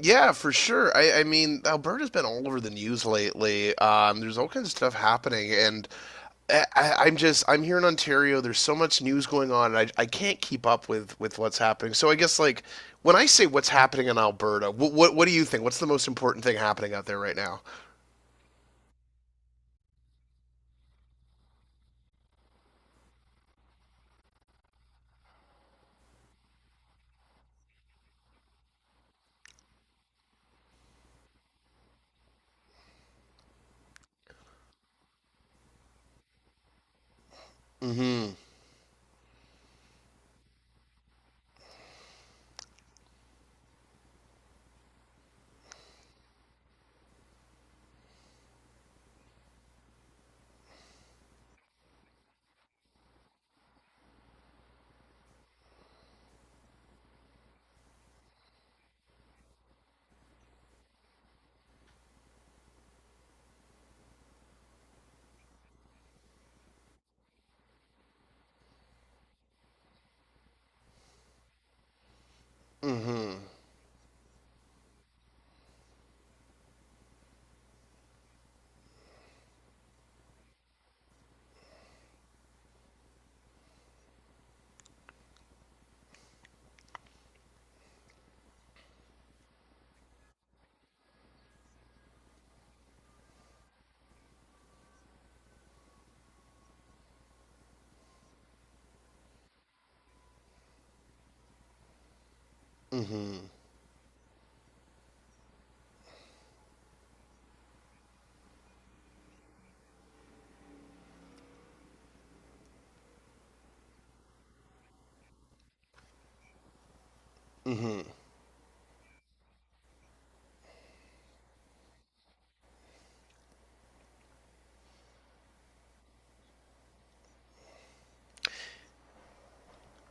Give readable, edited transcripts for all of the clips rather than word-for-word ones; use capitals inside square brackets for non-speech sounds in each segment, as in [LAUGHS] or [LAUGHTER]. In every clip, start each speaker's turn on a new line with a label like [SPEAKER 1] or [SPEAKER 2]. [SPEAKER 1] Yeah, for sure. I mean, Alberta's been all over the news lately. There's all kinds of stuff happening, and I, I'm just I'm here in Ontario. There's so much news going on, and I can't keep up with what's happening. So I guess like when I say what's happening in Alberta, what do you think? What's the most important thing happening out there right now? Mm-hmm. Mm-hmm.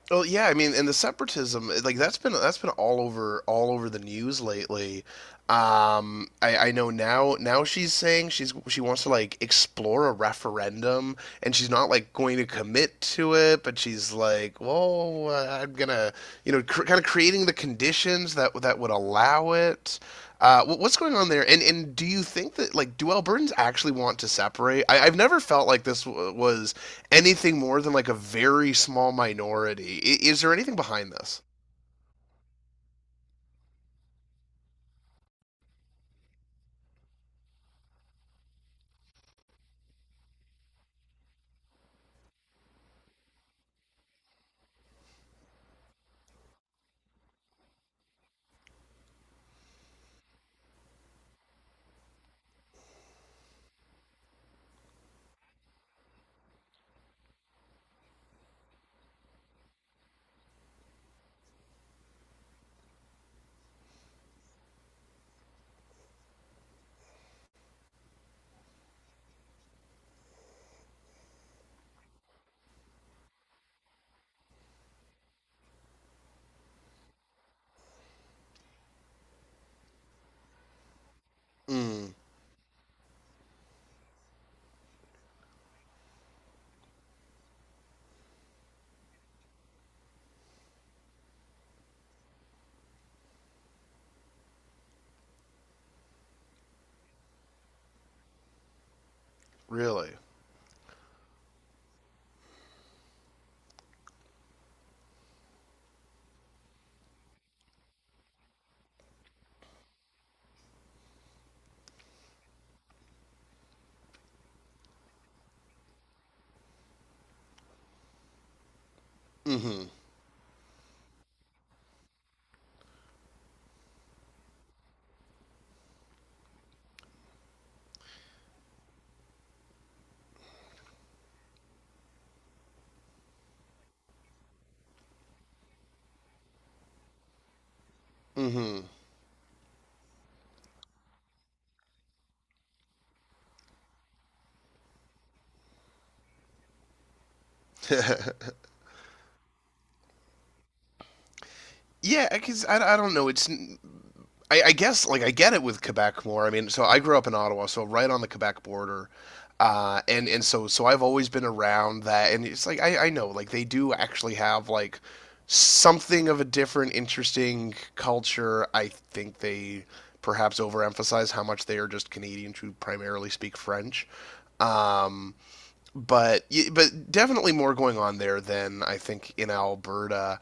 [SPEAKER 1] Well, yeah, I mean, and the separatism, like that's been all over the news lately. I know now she's saying she wants to like explore a referendum, and she's not like going to commit to it, but she's like, well, I'm gonna, you know, kind of creating the conditions that would allow it. What's going on there? And do you think that like do Albertans actually want to separate? I've never felt like was anything more than like a very small minority. Is there anything behind this? Mm. Really? Mm-hmm. Mm-hmm. Yeah, because I don't know. It's I guess like I get it with Quebec more. I mean, so I grew up in Ottawa, so right on the Quebec border. And so I've always been around that, and it's like I know like they do actually have like something of a different, interesting culture. I think they perhaps overemphasize how much they are just Canadians who primarily speak French. Um, but definitely more going on there than I think in Alberta.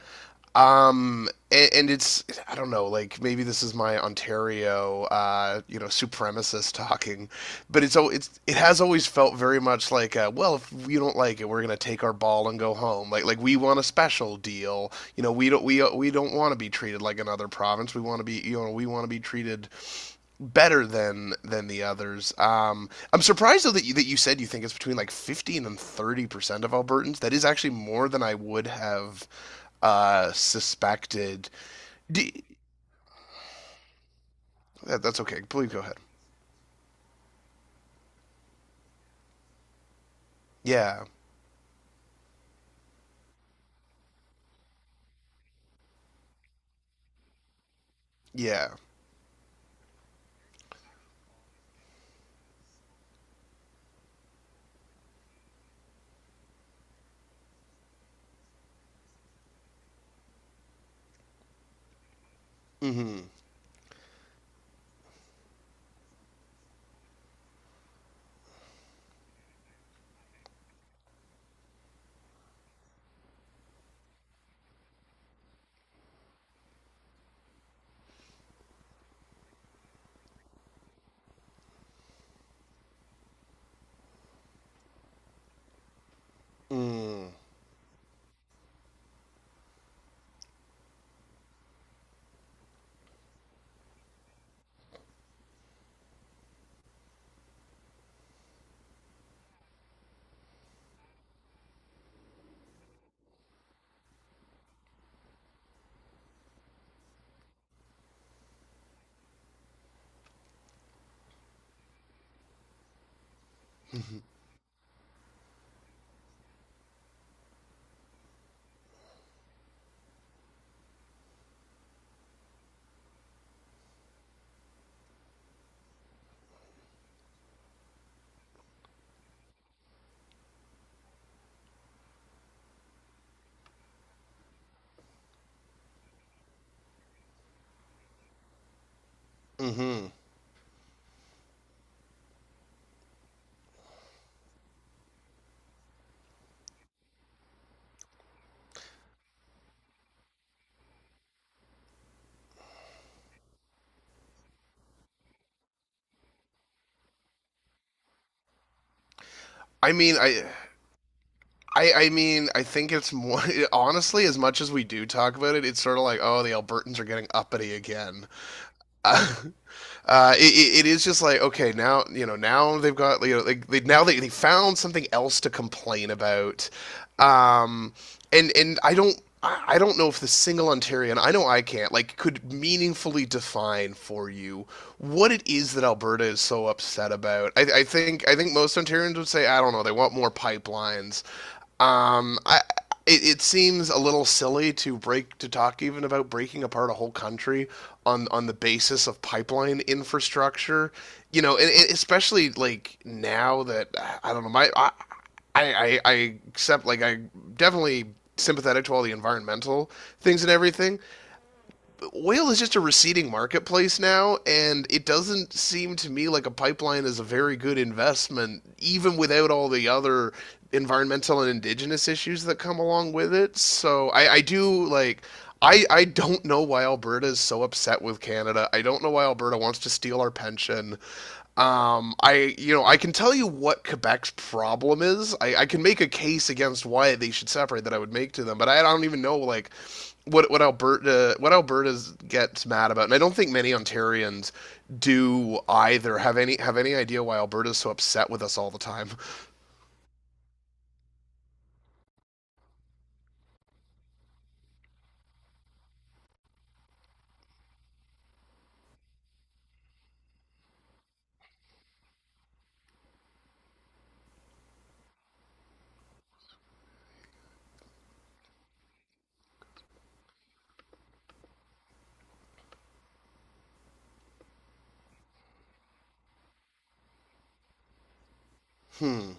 [SPEAKER 1] It's I don't know, like maybe this is my Ontario, you know, supremacist talking, but it has always felt very much like, well, if you don't like it, we're gonna take our ball and go home. Like we want a special deal. You know, we don't want to be treated like another province. We want to be, you know, we want to be treated better than the others. I'm surprised though that you said you think it's between like 15 and 30% of Albertans. That is actually more than I would have suspected. D- that, that's okay. Please go ahead. Yeah. Yeah. Mm-hmm. Mm. Mm-hmm. I mean, I, I mean, I think it's more [LAUGHS] honestly. As much as we do talk about it, it's sort of like, oh, the Albertans are getting uppity again. [LAUGHS] Uh, it is just like, okay, now, you know, now they've got, you know, like now they found something else to complain about, um, and I don't know if the single Ontarian, I know I can't, like, could meaningfully define for you what it is that Alberta is so upset about. I think I think most Ontarians would say, I don't know, they want more pipelines. Um, I, it seems a little silly to break to talk even about breaking apart a whole country on the basis of pipeline infrastructure. You know, and especially like now that I don't know my I accept like I definitely sympathetic to all the environmental things and everything. Oil is just a receding marketplace now, and it doesn't seem to me like a pipeline is a very good investment, even without all the other environmental and indigenous issues that come along with it. So I do like. I don't know why Alberta is so upset with Canada. I don't know why Alberta wants to steal our pension. I You know, I can tell you what Quebec's problem is. I can make a case against why they should separate that I would make to them, but I don't even know like what Alberta's gets mad about, and I don't think many Ontarians do either. Have any idea why Alberta's so upset with us all the time? Hmm.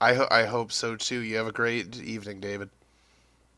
[SPEAKER 1] I hope so too. You have a great evening, David.